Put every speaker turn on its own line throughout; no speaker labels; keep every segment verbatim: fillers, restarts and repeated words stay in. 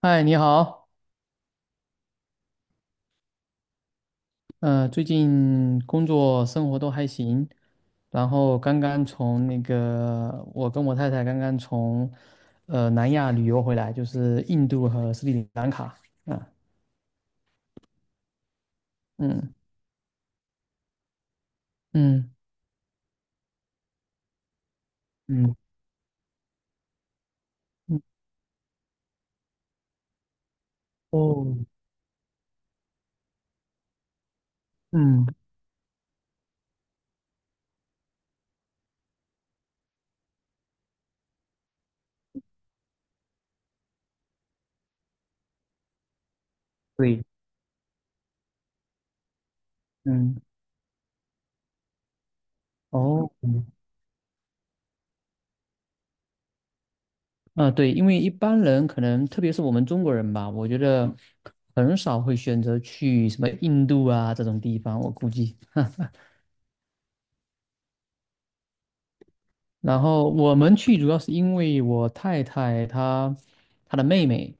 嗨，你好。呃，最近工作生活都还行。然后刚刚从那个，我跟我太太刚刚从，呃，南亚旅游回来，就是印度和斯里兰卡。啊。嗯嗯嗯嗯，哦，嗯，对，嗯，哦，嗯，啊，对。因为一般人可能，特别是我们中国人吧，我觉得很少会选择去什么印度啊这种地方，我估计。然后我们去主要是因为我太太她她的妹妹，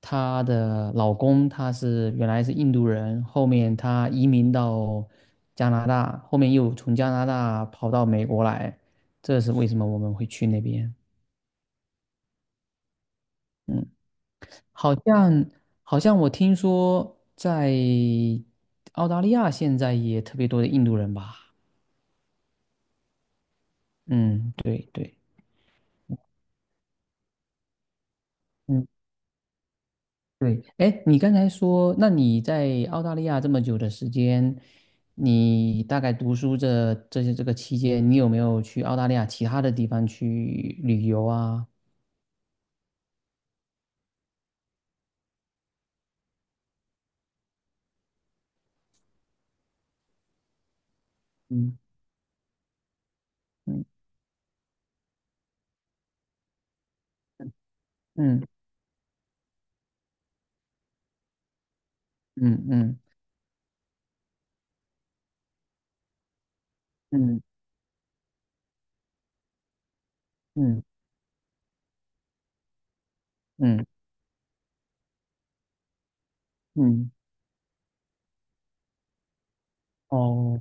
她的老公他是原来是印度人，后面他移民到加拿大，后面又从加拿大跑到美国来，这是为什么我们会去那边。嗯。好像好像我听说在澳大利亚现在也特别多的印度人吧？嗯，对对。嗯。对。哎，你刚才说，那你在澳大利亚这么久的时间，你大概读书这这些这个期间，你有没有去澳大利亚其他的地方去旅游啊？嗯嗯嗯嗯嗯嗯嗯嗯嗯，哦，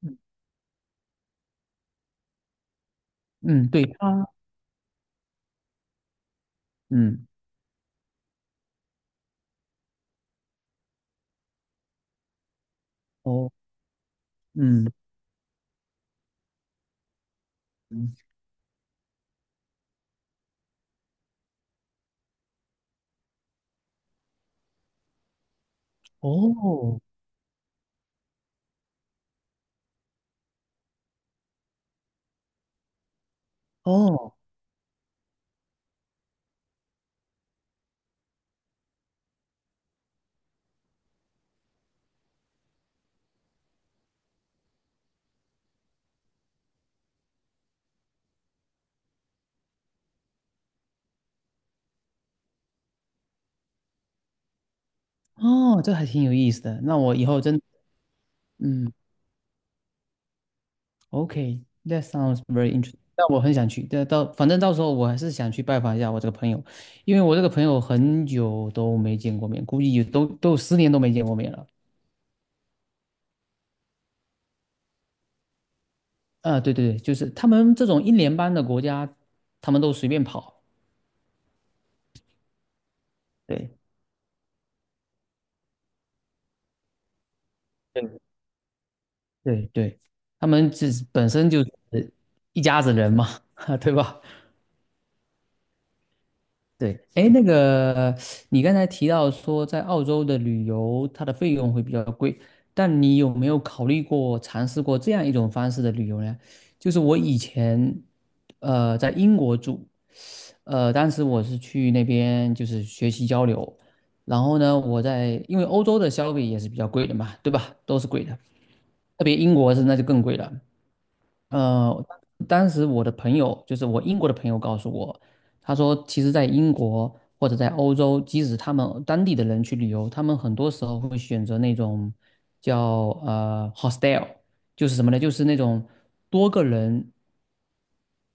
嗯，嗯对他，嗯哦，嗯嗯哦哦哦。这还挺有意思的。那我以后真，嗯。OK，that sounds very interesting。但我很想去，但到反正到时候我还是想去拜访一下我这个朋友，因为我这个朋友很久都没见过面，估计有都都有十年都没见过面了。啊，对对对，就是他们这种一年邦的国家，他们都随便跑。对对对对，他们自本身就是一家子人嘛。对吧？对。哎，那个你刚才提到说在澳洲的旅游，它的费用会比较贵，但你有没有考虑过尝试过这样一种方式的旅游呢？就是我以前呃在英国住。呃，当时我是去那边就是学习交流。然后呢，我在因为欧洲的消费也是比较贵的嘛，对吧？都是贵的，特别英国是那就更贵了。呃，当时我的朋友，就是我英国的朋友告诉我，他说，其实，在英国或者在欧洲，即使他们当地的人去旅游，他们很多时候会选择那种叫呃 hostel，就是什么呢？就是那种多个人。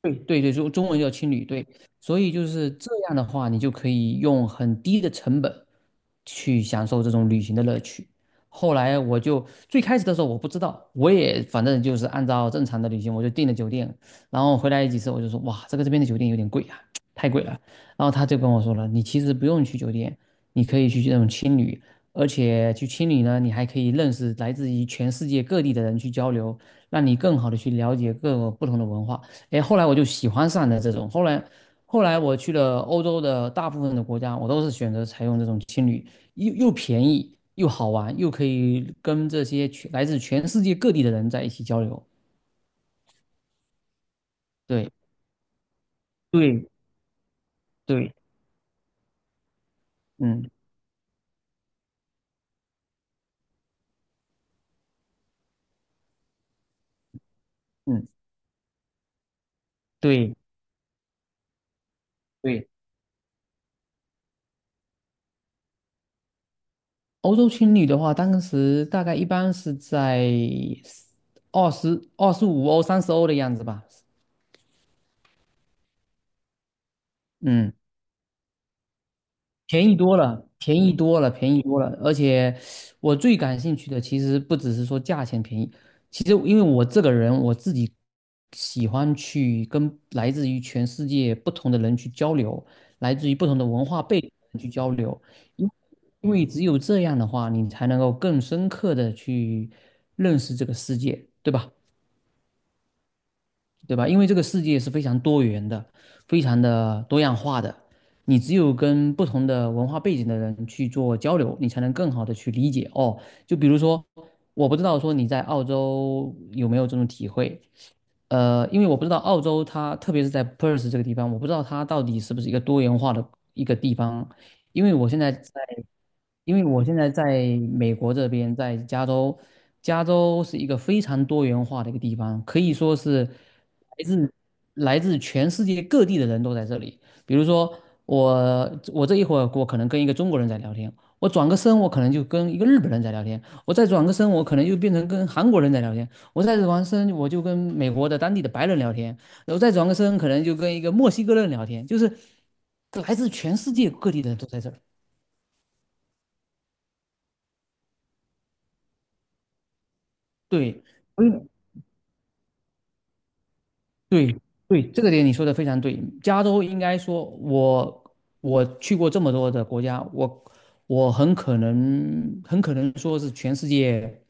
对对，中中文叫青旅。对。所以就是这样的话，你就可以用很低的成本去享受这种旅行的乐趣。后来我就最开始的时候我不知道，我也反正就是按照正常的旅行，我就订了酒店，然后回来几次我就说哇，这个这边的酒店有点贵啊，太贵了。然后他就跟我说了，你其实不用去酒店，你可以去这种青旅，而且去青旅呢，你还可以认识来自于全世界各地的人去交流，让你更好的去了解各个不同的文化。哎，后来我就喜欢上了这种。后来，后来我去了欧洲的大部分的国家，我都是选择采用这种青旅，又又便宜，又好玩，又可以跟这些全来自全世界各地的人在一起交流。对，对，对，嗯嗯，对对。欧洲青旅的话，当时大概一般是在二十二十五欧、三十欧的样子吧。嗯。便宜多了，便宜多了，便宜多了。而且我最感兴趣的其实不只是说价钱便宜，其实因为我这个人我自己喜欢去跟来自于全世界不同的人去交流，来自于不同的文化背景的人去交流。因因为只有这样的话，你才能够更深刻的去认识这个世界，对吧？对吧？因为这个世界是非常多元的，非常的多样化的。你只有跟不同的文化背景的人去做交流，你才能更好的去理解哦。就比如说，我不知道说你在澳洲有没有这种体会。呃，因为我不知道澳洲它，特别是在 Perth 这个地方，我不知道它到底是不是一个多元化的一个地方，因为我现在在，因为我现在在美国这边，在加州。加州是一个非常多元化的一个地方，可以说是来自来自全世界各地的人都在这里。比如说我，我这一会儿我可能跟一个中国人在聊天，我转个身我可能就跟一个日本人在聊天，我再转个身我可能就变成跟韩国人在聊天，我再转个身我就跟美国的当地的白人聊天。然后再转个身，可能就跟一个墨西哥人聊天，就是来自全世界各地的人都在这儿。对对对，这个点你说的非常对。加州应该说我我去过这么多的国家，我我很可能很可能说是全世界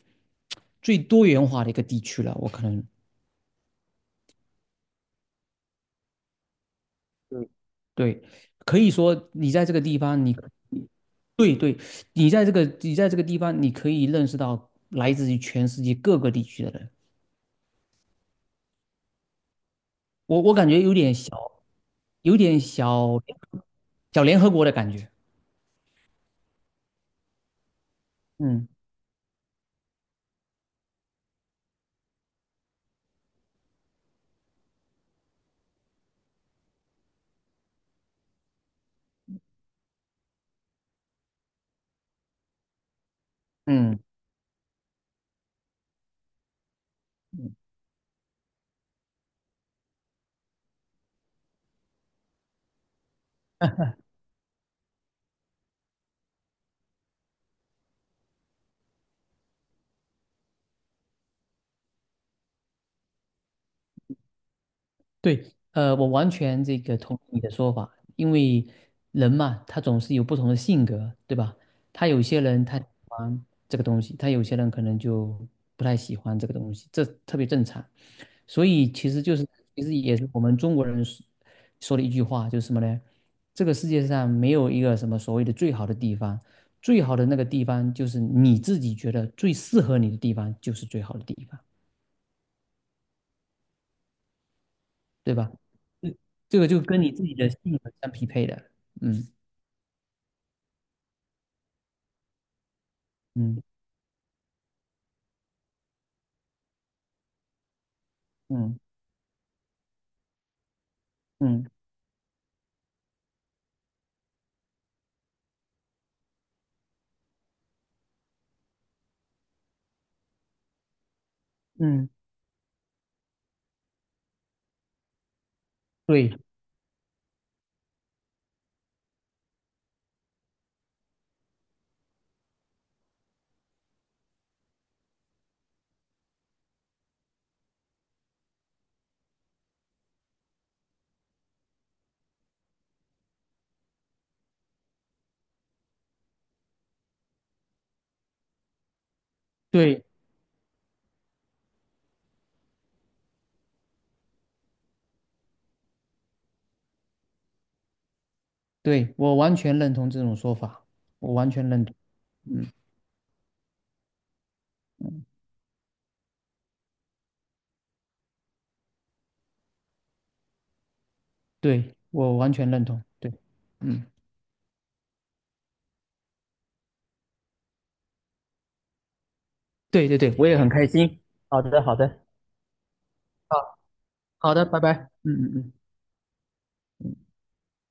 最多元化的一个地区了。我可能对。可以说你在这个地方你，对对，你在这个你在这个地方，你可以认识到来自于全世界各个地区的人。我我感觉有点小，有点小小联合国的感觉。嗯嗯对。呃，我完全这个同意你的说法，因为人嘛，他总是有不同的性格，对吧？他有些人他喜欢这个东西，他有些人可能就不太喜欢这个东西，这特别正常。所以其实就是，其实也是我们中国人说说的一句话，就是什么呢？这个世界上没有一个什么所谓的最好的地方，最好的那个地方就是你自己觉得最适合你的地方，就是最好的地方。对吧？这这个就跟你自己的性格相匹配的。嗯嗯嗯嗯嗯，对对对。我完全认同这种说法，我完全认同。嗯，对，我完全认同，对。嗯，对对对，我也很开心。好的好的，好。好的，拜拜。嗯嗯嗯。